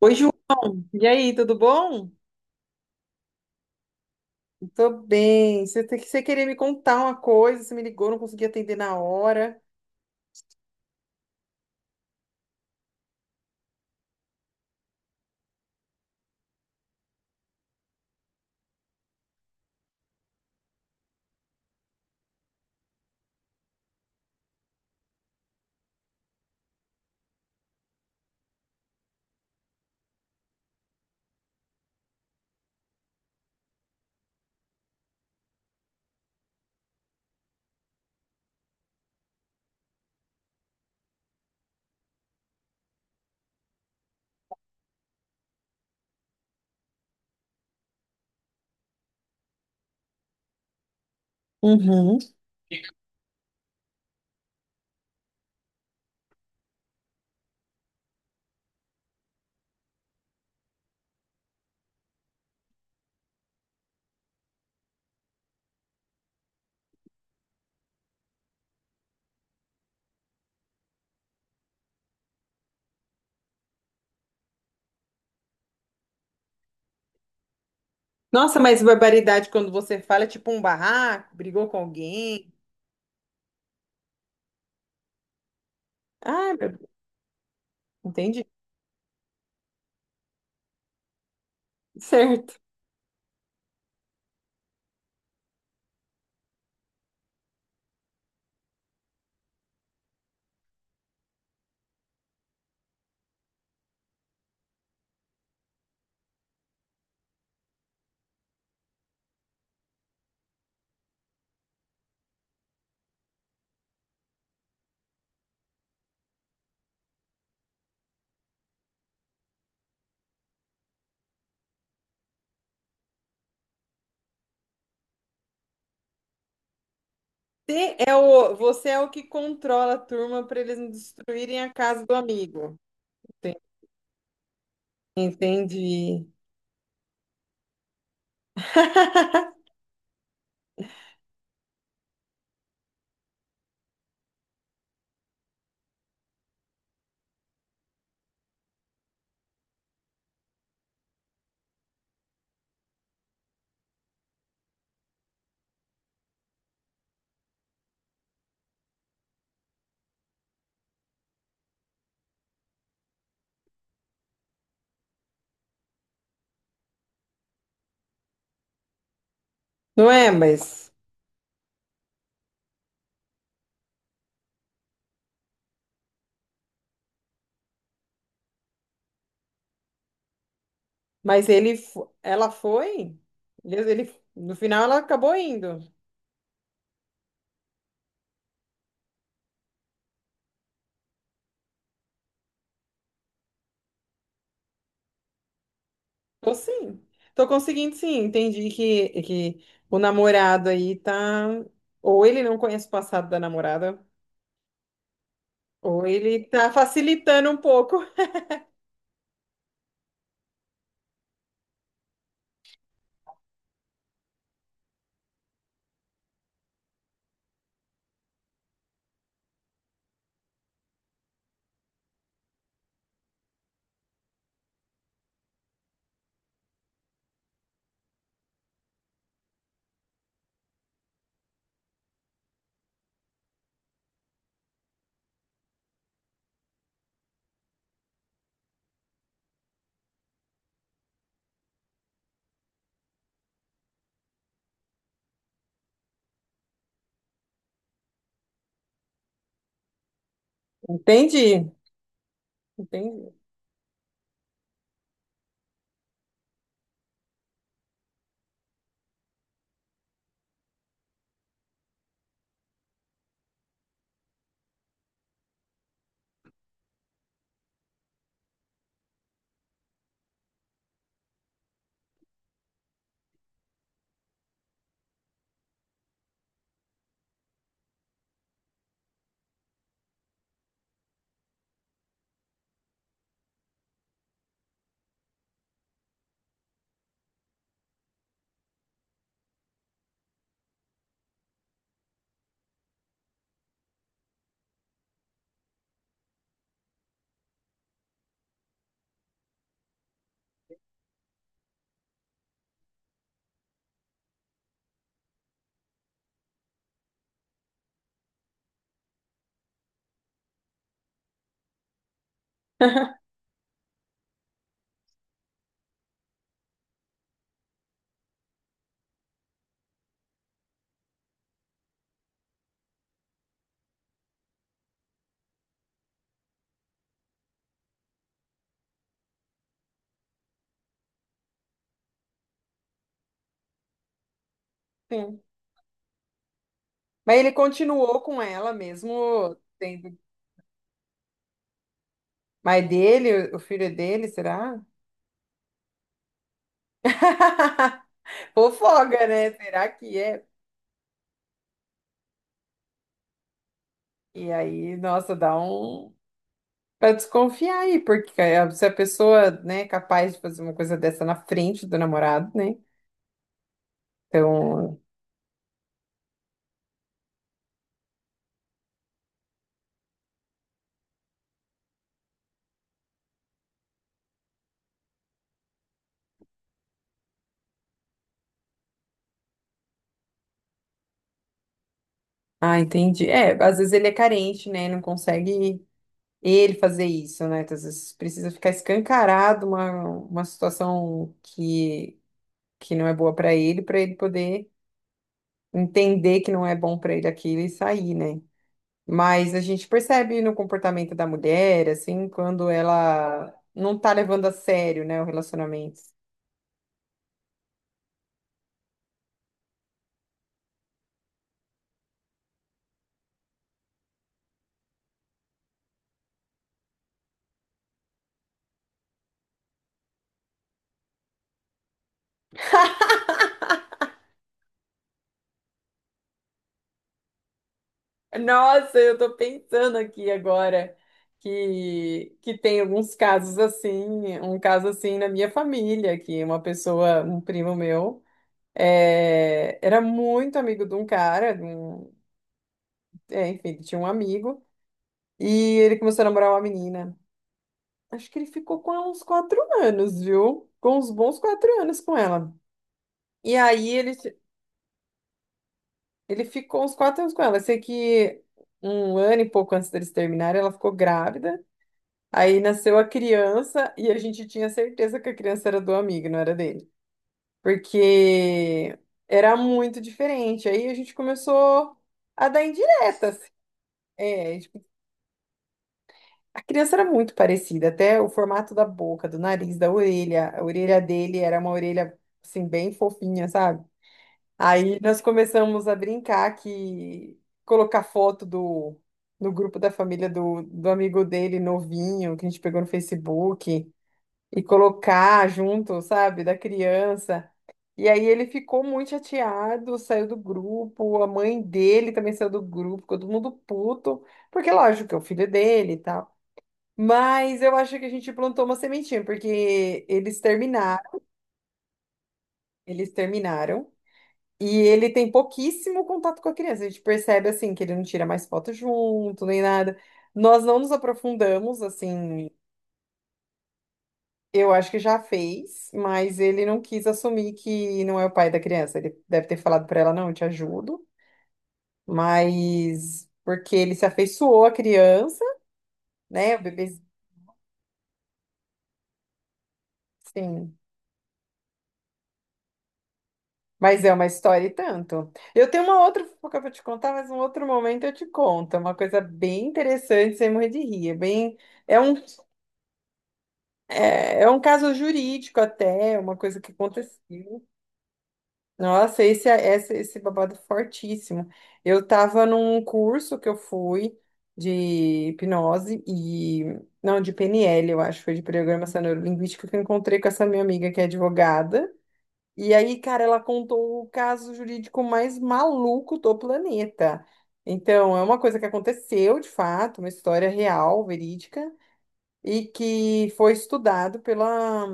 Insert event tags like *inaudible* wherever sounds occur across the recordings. Oi, Ju. E aí, tudo bom? Tô bem. Você, você queria me contar uma coisa, você me ligou, não consegui atender na hora. Uhum. Nossa, mas barbaridade quando você fala é tipo um barraco, brigou com alguém. Ah, meu Deus. Entendi. Certo. Você é o que controla a turma para eles não destruírem a casa do amigo. Enten- Entendi. *laughs* Não é, mas, ela foi? No final ela acabou indo. Tô sim. Tô conseguindo sim. Entendi que o namorado aí tá. Ou ele não conhece o passado da namorada, ou ele tá facilitando um pouco. Entendi. Entendi. Sim. Mas ele continuou com ela mesmo tendo. Mas dele, o filho é dele, será? *laughs* Fofoga, né? Será que é? E aí, nossa, dá um. Pra desconfiar aí, porque se a pessoa, né, é capaz de fazer uma coisa dessa na frente do namorado, né? Então, ah, entendi. É, às vezes ele é carente, né? Não consegue ele fazer isso, né? Às vezes precisa ficar escancarado uma situação que não é boa para ele poder entender que não é bom para ele aquilo e sair, né? Mas a gente percebe no comportamento da mulher, assim, quando ela não tá levando a sério, né, o relacionamento. Nossa, eu tô pensando aqui agora que tem alguns casos assim, um caso assim na minha família, que uma pessoa, um primo meu, era muito amigo de um cara, enfim, ele tinha um amigo, e ele começou a namorar uma menina. Acho que ele ficou com ela uns 4 anos, viu? Com uns bons 4 anos com ela. E aí ele ficou uns 4 anos com ela. Eu sei que um ano e pouco antes deles terminarem, ela ficou grávida. Aí nasceu a criança e a gente tinha certeza que a criança era do amigo, não era dele. Porque era muito diferente. Aí a gente começou a dar indiretas. É, tipo, a criança era muito parecida, até o formato da boca, do nariz, da orelha. A orelha dele era uma orelha, assim, bem fofinha, sabe? Aí nós começamos a brincar que colocar foto do no grupo da família do amigo dele novinho, que a gente pegou no Facebook. E colocar junto, sabe, da criança. E aí ele ficou muito chateado, saiu do grupo, a mãe dele também saiu do grupo, ficou todo mundo puto, porque lógico que é o filho dele e tal. Mas eu acho que a gente plantou uma sementinha, porque eles terminaram. E ele tem pouquíssimo contato com a criança. A gente percebe assim que ele não tira mais foto junto, nem nada. Nós não nos aprofundamos assim. Eu acho que já fez, mas ele não quis assumir que não é o pai da criança. Ele deve ter falado para ela, não, eu te ajudo, mas porque ele se afeiçoou à criança, né? O bebê, sim. Mas é uma história e tanto. Eu tenho uma outra fofoca para te contar, mas um outro momento eu te conto. É uma coisa bem interessante, sem morrer de rir. É bem, é um, é, é um caso jurídico até, uma coisa que aconteceu. Nossa, esse babado é fortíssimo. Eu tava num curso que eu fui de hipnose Não, de PNL, eu acho, foi de programação neurolinguística, que eu encontrei com essa minha amiga que é advogada. E aí, cara, ela contou o caso jurídico mais maluco do planeta. Então, é uma coisa que aconteceu, de fato, uma história real, verídica e que foi estudado pela,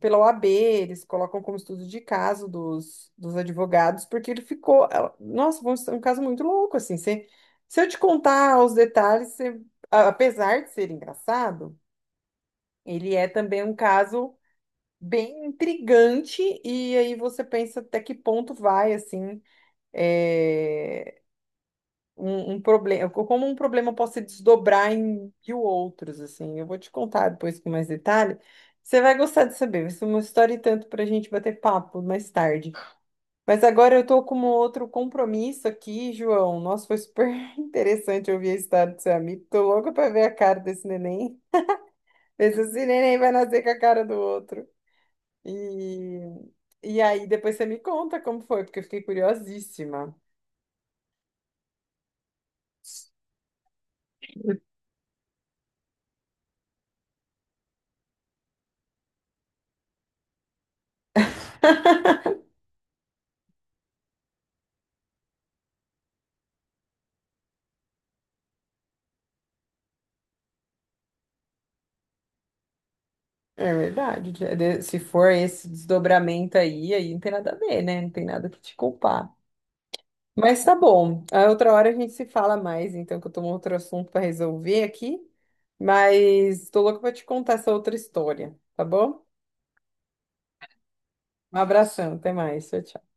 pela OAB, eles colocam como estudo de caso dos advogados, porque ele ficou. Nossa, foi um caso muito louco, assim. Se eu te contar os detalhes, apesar de ser engraçado, ele é também um caso bem intrigante, e aí você pensa até que ponto vai, assim, é, um problema, como um problema pode se desdobrar em mil outros, assim. Eu vou te contar depois com mais detalhe. Você vai gostar de saber, vai ser uma história e tanto para a gente bater papo mais tarde. Mas agora eu tô com um outro compromisso aqui, João. Nossa, foi super *laughs* interessante ouvir a história do seu amigo. Tô louca para ver a cara desse neném. Ver se esse neném vai nascer com a cara do outro. E, e aí depois você me conta como foi, porque eu fiquei curiosíssima. É verdade. Se for esse desdobramento aí não tem nada a ver, né? Não tem nada que te culpar. Mas tá bom. A outra hora a gente se fala mais, então, que eu tô com outro assunto para resolver aqui. Mas tô louca pra te contar essa outra história, tá bom? Um abração, até mais. Tchau, tchau.